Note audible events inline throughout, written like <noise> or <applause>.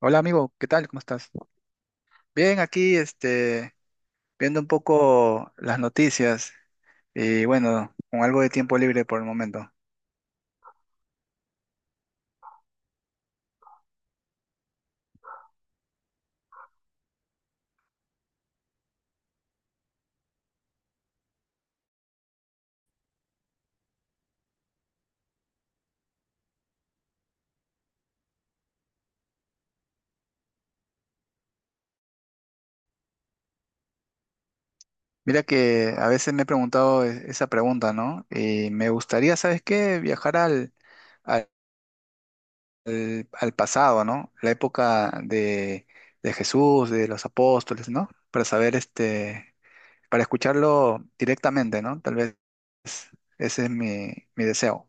Hola amigo, ¿qué tal? ¿Cómo estás? Bien, aquí viendo un poco las noticias y bueno, con algo de tiempo libre por el momento. Mira que a veces me he preguntado esa pregunta, ¿no? Y me gustaría, ¿sabes qué? Viajar al, al pasado, ¿no? La época de Jesús, de los apóstoles, ¿no? Para saber, para escucharlo directamente, ¿no? Tal vez ese es mi deseo.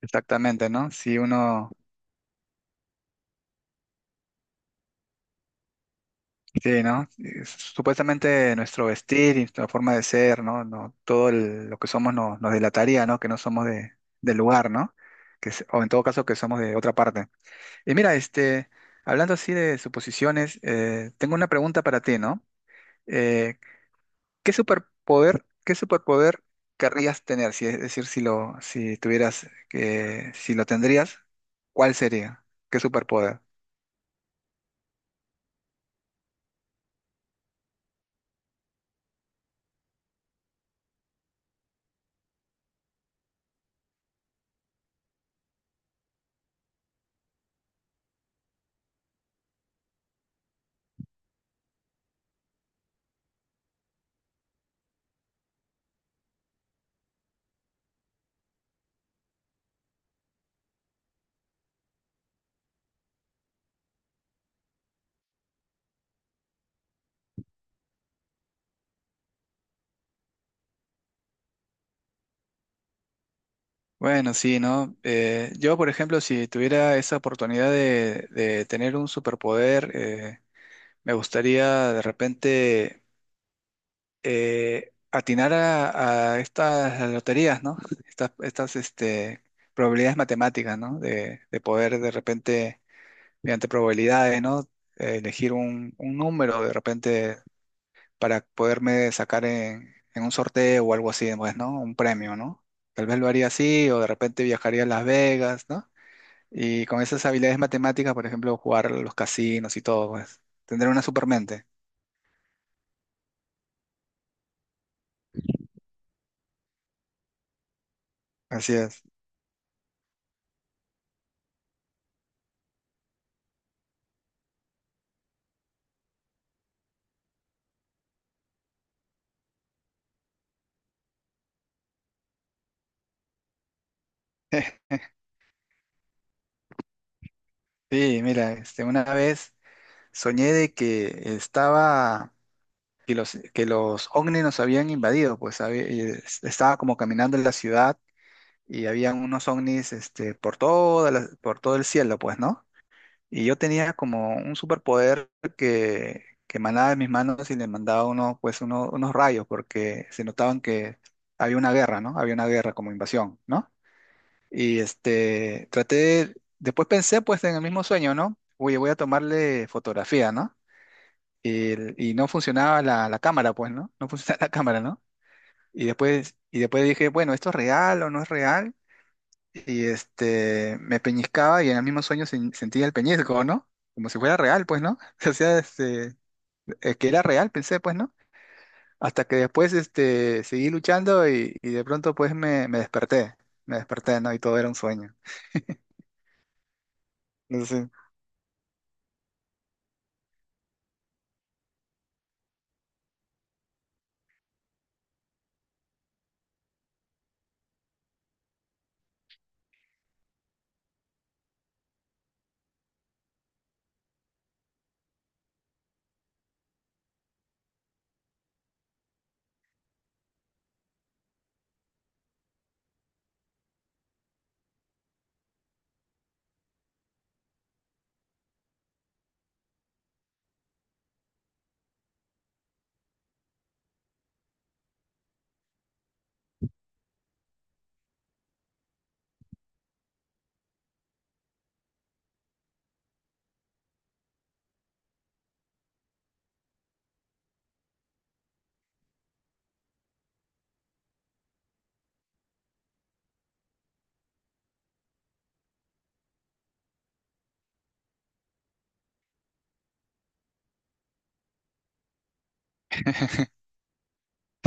Exactamente, ¿no? Si uno... Sí, ¿no? Supuestamente nuestro vestir y nuestra forma de ser, ¿no? No, lo que somos nos delataría, ¿no? Que no somos del lugar, ¿no? Que, o en todo caso que somos de otra parte. Y mira, hablando así de suposiciones, tengo una pregunta para ti, ¿no? Eh, qué superpoder querrías tener? Si, es decir, si tuvieras que, si lo tendrías, ¿cuál sería? ¿Qué superpoder? Bueno, sí, ¿no? Yo, por ejemplo, si tuviera esa oportunidad de tener un superpoder, me gustaría de repente atinar a estas loterías, ¿no? <laughs> Estas, estas este, probabilidades matemáticas, ¿no? De poder de repente, mediante probabilidades, ¿no? Elegir un número de repente para poderme sacar en un sorteo o algo así, pues, ¿no? Un premio, ¿no? Tal vez lo haría así, o de repente viajaría a Las Vegas, ¿no? Y con esas habilidades matemáticas, por ejemplo, jugar a los casinos y todo, pues, tendré una supermente. Así es. <laughs> Sí, mira, una vez soñé de que estaba, que los ovnis nos habían invadido, pues estaba como caminando en la ciudad y había unos ovnis, por por todo el cielo, pues, ¿no? Y yo tenía como un superpoder que emanaba de mis manos y le mandaba unos, pues, unos rayos, porque se notaban que había una guerra, ¿no? Había una guerra como invasión, ¿no? Y traté, después pensé, pues, en el mismo sueño, ¿no? Oye, voy a tomarle fotografía, ¿no? Y, y no funcionaba la cámara, pues, ¿no? No funcionaba <laughs> la cámara, ¿no? Y después dije, bueno, ¿esto es real o no es real? Y me peñiscaba y en el mismo sueño sentía el peñisco, ¿no? Como si fuera real, pues, ¿no? <laughs> O sea, que era real, pensé, pues, ¿no? Hasta que después, seguí luchando y de pronto, pues, me desperté, ¿no? Y todo era un sueño. No sé.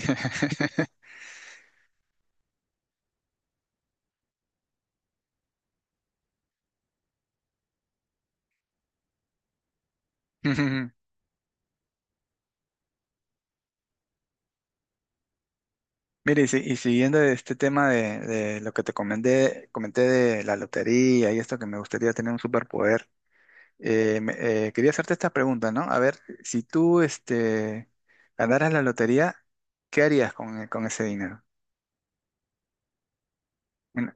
<laughs> Mire, y, y siguiendo este tema de lo que te comenté, comenté de la lotería y esto que me gustaría tener un superpoder. Eh, me- quería hacerte esta pregunta, ¿no? A ver, si tú ganaras la lotería, ¿qué harías con, con ese dinero? En-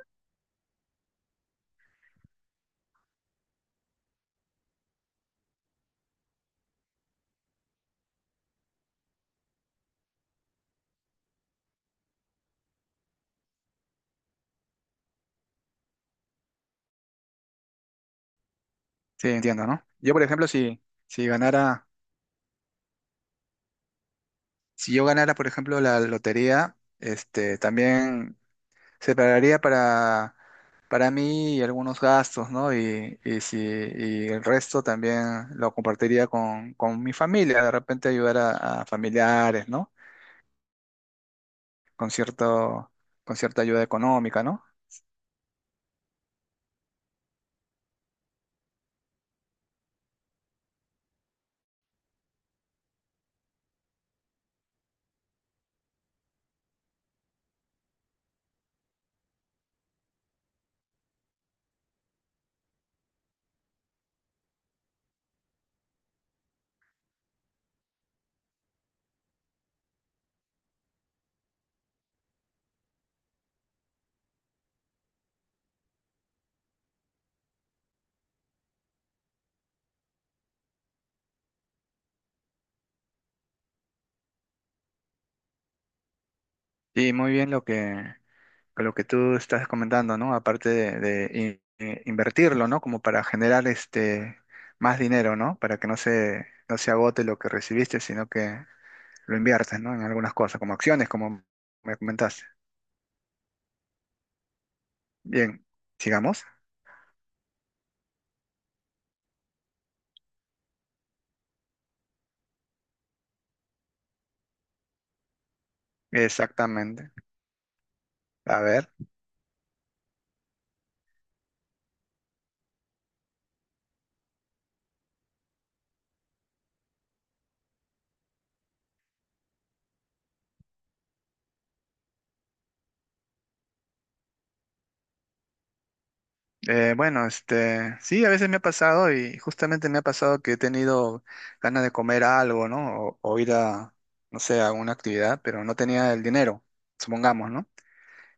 Sí, entiendo, ¿no? Yo, por ejemplo, si ganara, si yo ganara, por ejemplo, la lotería, también separaría para mí y algunos gastos, ¿no? Y si, y el resto también lo compartiría con mi familia, de repente ayudar a familiares, ¿no? Con cierto, con cierta ayuda económica, ¿no? Sí, muy bien lo que tú estás comentando, ¿no? Aparte invertirlo, ¿no? Como para generar este más dinero, ¿no? Para que no se agote lo que recibiste, sino que lo inviertes, ¿no? En algunas cosas, como acciones, como me comentaste. Bien, sigamos. Exactamente. A ver. Bueno, sí, a veces me ha pasado y justamente me ha pasado que he tenido ganas de comer algo, ¿no? O ir a, no sé, a alguna actividad, pero no tenía el dinero, supongamos, ¿no?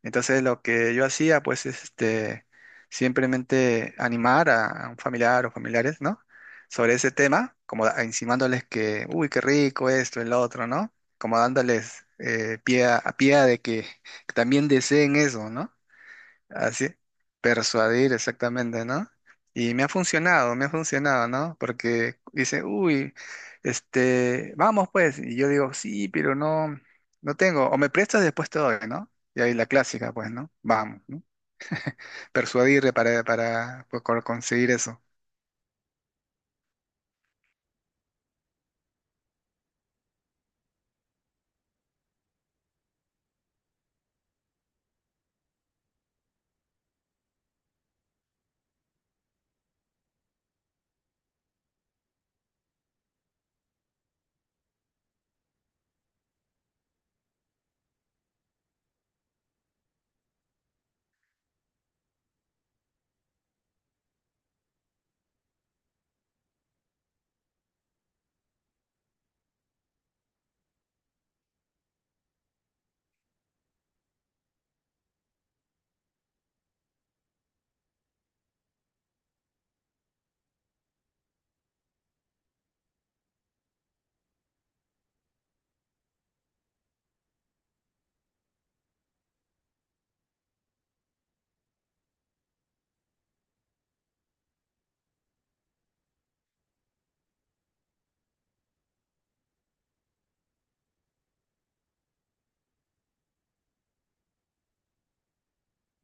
Entonces lo que yo hacía pues es simplemente animar a un familiar o familiares, ¿no? Sobre ese tema, como insinuándoles que, uy, qué rico esto, el otro, ¿no? Como dándoles pie a pie de que también deseen eso, ¿no? Así, persuadir exactamente, ¿no? Y me ha funcionado, ¿no? Porque dice, uy, vamos pues. Y yo digo, sí, pero no, no tengo. O me prestas después te doy, ¿no? Y ahí la clásica, pues, ¿no? Vamos, ¿no? Persuadir para pues, conseguir eso.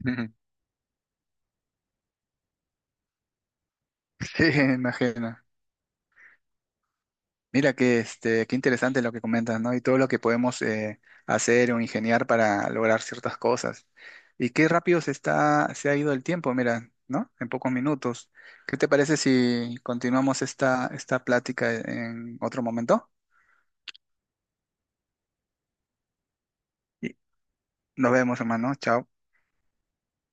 Ujú. <laughs> Sí, imagino. Mira que qué interesante lo que comentas, ¿no? Y todo lo que podemos hacer o ingeniar para lograr ciertas cosas. Y qué rápido se ha ido el tiempo, mira, ¿no? En pocos minutos. ¿Qué te parece si continuamos esta plática en otro momento? Y nos vemos, hermano. Chao.